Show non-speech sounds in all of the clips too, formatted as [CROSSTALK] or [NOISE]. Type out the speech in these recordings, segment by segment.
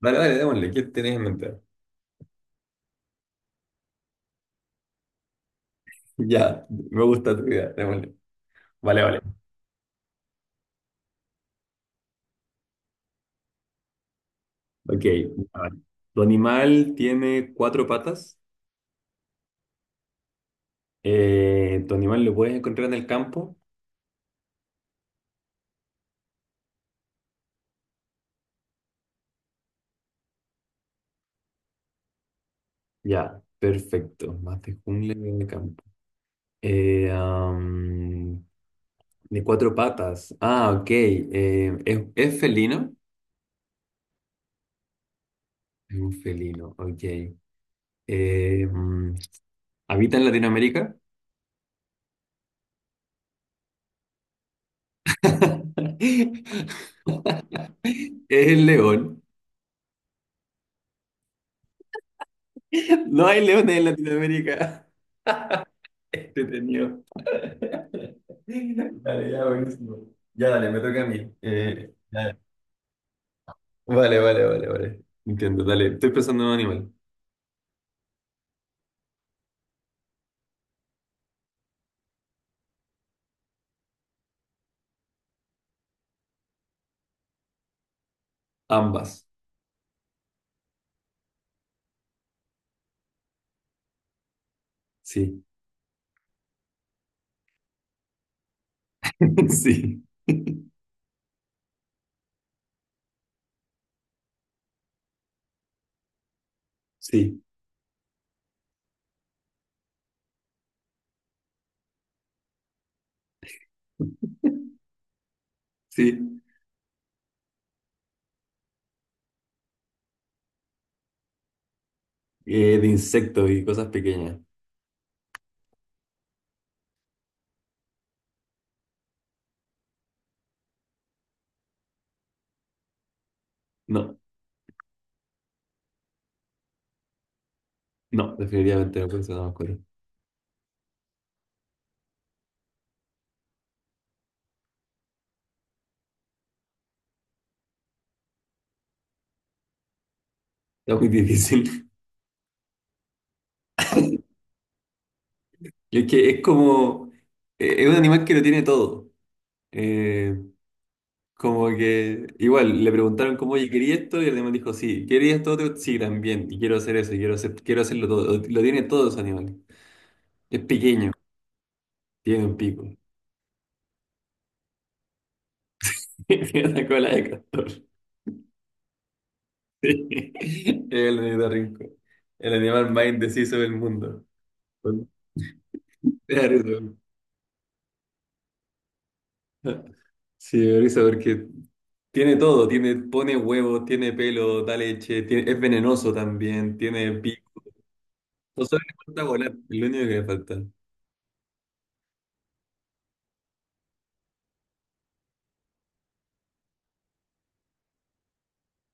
Dale, dale, démosle. ¿Qué tenés en mente? Ya, me gusta tu idea, démosle. Vale, vale. Ok. Vale. ¿Tu animal tiene cuatro patas? ¿Tu animal lo puedes encontrar en el campo? Ya, perfecto. Más de jungla que de campo. Eh, am, de cuatro patas. Ah, ok. ¿Es felino? Es un felino, ok. Eh, mm, ¿Habita en Latinoamérica? [LAUGHS] Es el león. No hay leones en Latinoamérica. [LAUGHS] Entretenido. Dale, ya, buenísimo. Ya, dale, me toca a mí. Ya. Vale, vale, vale, vale. Entiendo, dale. Estoy pensando en un animal. Ambas. Sí. [LAUGHS] Sí. Sí. Sí. De insectos y cosas pequeñas. No, no, definitivamente no puede ser una mascota. Está muy difícil. [LAUGHS] Es que es como. Es un animal que lo tiene todo. Eh, Como que igual le preguntaron como, oye, ¿quería esto? Y el animal dijo, sí, ¿quería esto otro? Sí, también, y quiero hacer eso, y quiero hacerlo todo. Lo tiene todos los animales. Es pequeño, tiene un pico, [LAUGHS] tiene una cola de castor. [LAUGHS] Sí, el ornitorrinco, el animal más indeciso del mundo. Me da risa. [LAUGHS] Sí, me da risa porque tiene todo, tiene, pone huevos, tiene pelo, da leche, es venenoso también, tiene pico. No sabe, le falta volar, es lo único que le falta.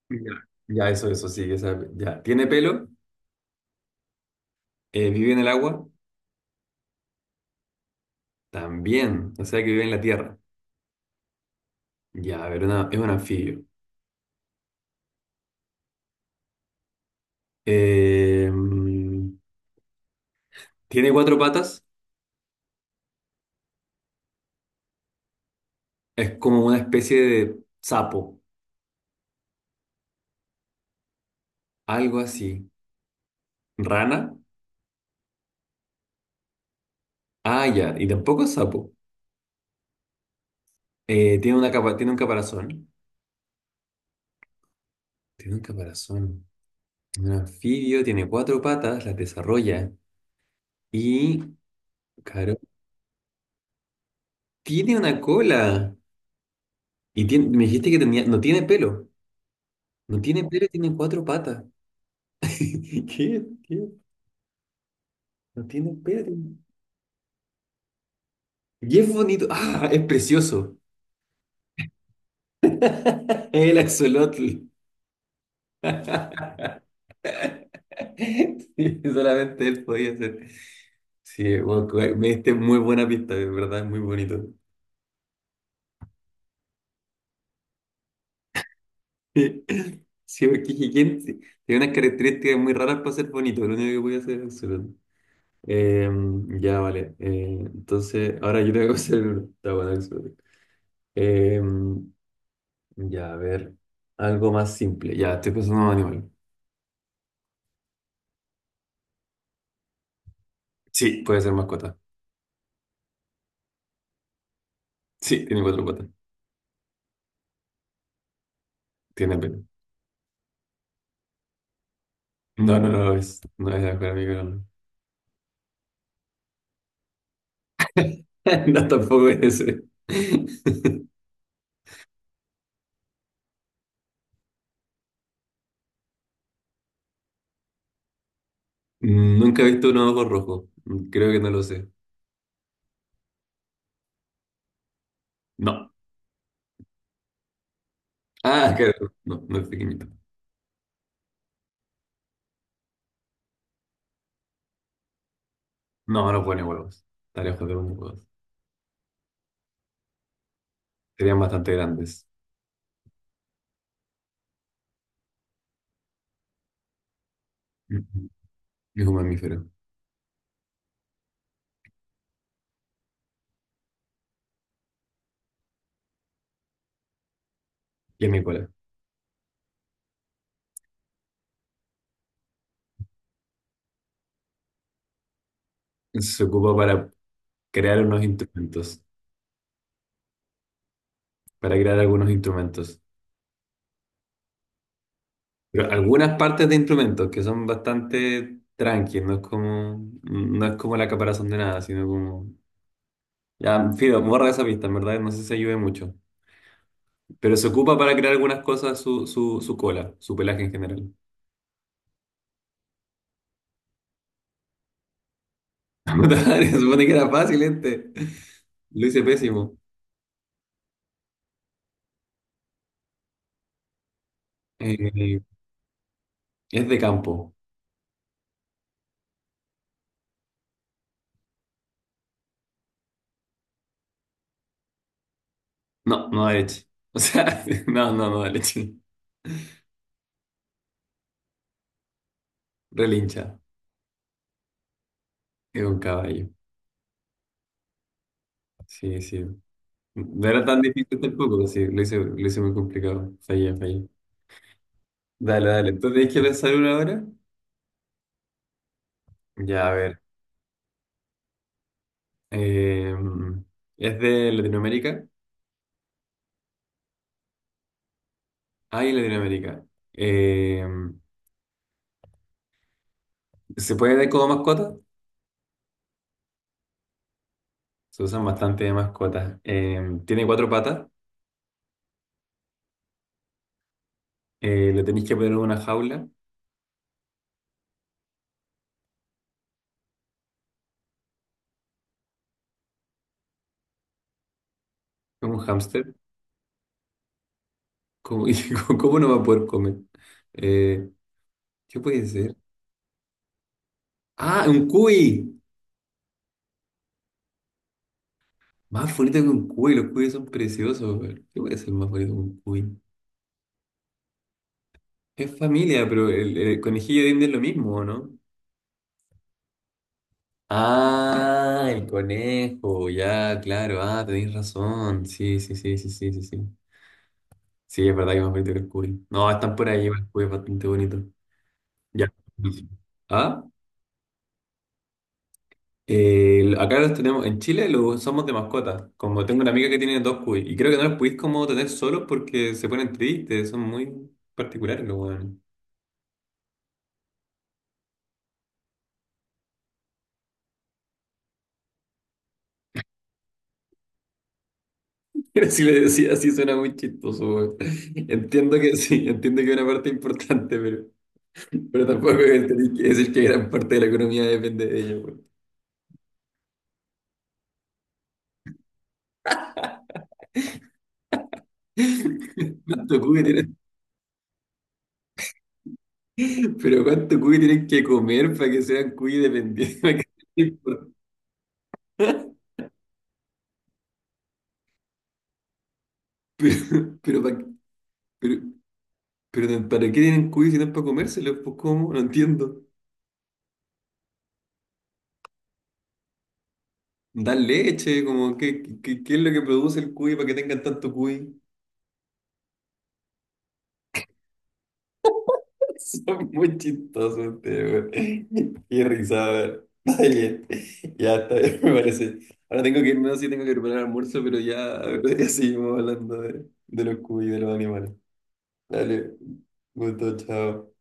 Ya, ya, eso, sí, o ya. Tiene pelo, vive en el agua, también, o sea que vive en la tierra. Ya, a ver, es un anfibio. Eh, mm, tiene cuatro patas, es como una especie de sapo, algo así. Rana, ah, ya, y tampoco es sapo. Tiene una capa, tiene un caparazón. Un anfibio, tiene cuatro patas, las desarrolla y, claro, tiene una cola. Y me dijiste que tenía, no tiene pelo. No tiene pera, tiene cuatro patas. [LAUGHS] ¿Qué? ¿Qué? No tiene pera. Y es bonito. Ah, es precioso. [LAUGHS] El axolotl. [LAUGHS] Sí, solamente él podía hacer. Sí, bueno, me diste muy buena pista, de verdad, es muy bonito. [LAUGHS] Sí, sí, porque dije, ¿tiene unas características muy raras para ser bonito? Lo único que podía hacer es axolotl. Eh, ya, vale. Entonces, ahora yo tengo que hacer uno. Está bueno, axolotl. Eh, Ya, a ver. Algo más simple. Ya, estoy pensando en un animal. Sí, puede ser mascota. Sí, tiene cuatro patas. Tiene pelo. No lo es. No es la mejor amiga. No, [LAUGHS] no, tampoco es ese. [LAUGHS] Nunca he visto un ojo rojo. Creo que no lo sé. No. Ah, claro. No, no es pequeñito. No, no pone huevos. Está lejos de unos huevos. Serían bastante grandes. Mm, Es un mamífero. Y es mi cola. Se ocupa para crear unos instrumentos. Para crear algunos instrumentos. Pero algunas partes de instrumentos que son bastante tranqui no es como, no es como la caparazón de nada, sino como... Ya, Fido, borra esa pista, en verdad, no sé si ayude mucho. Pero se ocupa para crear algunas cosas su cola, su pelaje en general. [LAUGHS] Puta madre, se supone que era fácil este. Lo hice pésimo. Eh, es de campo. No, no da leche. O sea, [LAUGHS] no, no, no da leche. Relincha. Es un caballo. Sí, sí. No era tan difícil tampoco, pues sí, lo hice muy complicado. Fallé, fallé. Dale, dale. Entonces tenéis que pensar una ahora. Ya, a ver. Eh, ¿Es de Latinoamérica? Ay, Latinoamérica. Eh, ¿Se puede ver como mascota? Se usan bastante de mascotas. Tiene cuatro patas. Le tenéis que poner en una jaula. Es un hámster. ¿Cómo, [LAUGHS] y cómo no va a poder comer? Eh, ¿Qué puede ser? Ah, un cuy. Más bonito que un cuy, los cuyes son preciosos. Weón. ¿Qué puede ser más bonito que un cuy? Es familia, pero el conejillo de India es lo mismo, ¿o no? Ah, el conejo, ya, claro, ah, tenéis razón. Sí, sí, sí, sí, sí, sí, sí. Sí, es verdad que es más bonito que el cuy. No, están por ahí, el cuy es bastante bonito. Ya. Ah, acá los tenemos, en Chile los somos de mascota. Como tengo una amiga que tiene dos cuy, y creo que no los podéis como tener solos porque se ponen tristes, son muy particulares los weones. Pero si le decía así suena muy chistoso, weón. Entiendo que sí, entiendo que es una parte importante, pero tampoco es- tenéis que decir que gran parte de la economía depende de ellos, weón. [LAUGHS] ¿Cuánto cuy tienen, pero cuánto cuy tienen que comer para que sean cuy dependientes? [LAUGHS] Para que sea importante. Pero, pero, pa- pero, pero ¿para qué tienen cuy si no es para comérselos? Pues ¿cómo? No entiendo. ¿Dan leche? Como, ¿qué es lo que produce el cuy para que tengan tanto cuy? Son muy chistosos ustedes, güey. Qué risa, a ver. Está bien. Ya está bien, me parece. Ahora tengo que irme, no sé si tengo que preparar el almuerzo, pero ya, ya seguimos hablando de los cubos y de los animales. Dale, gusto, chao.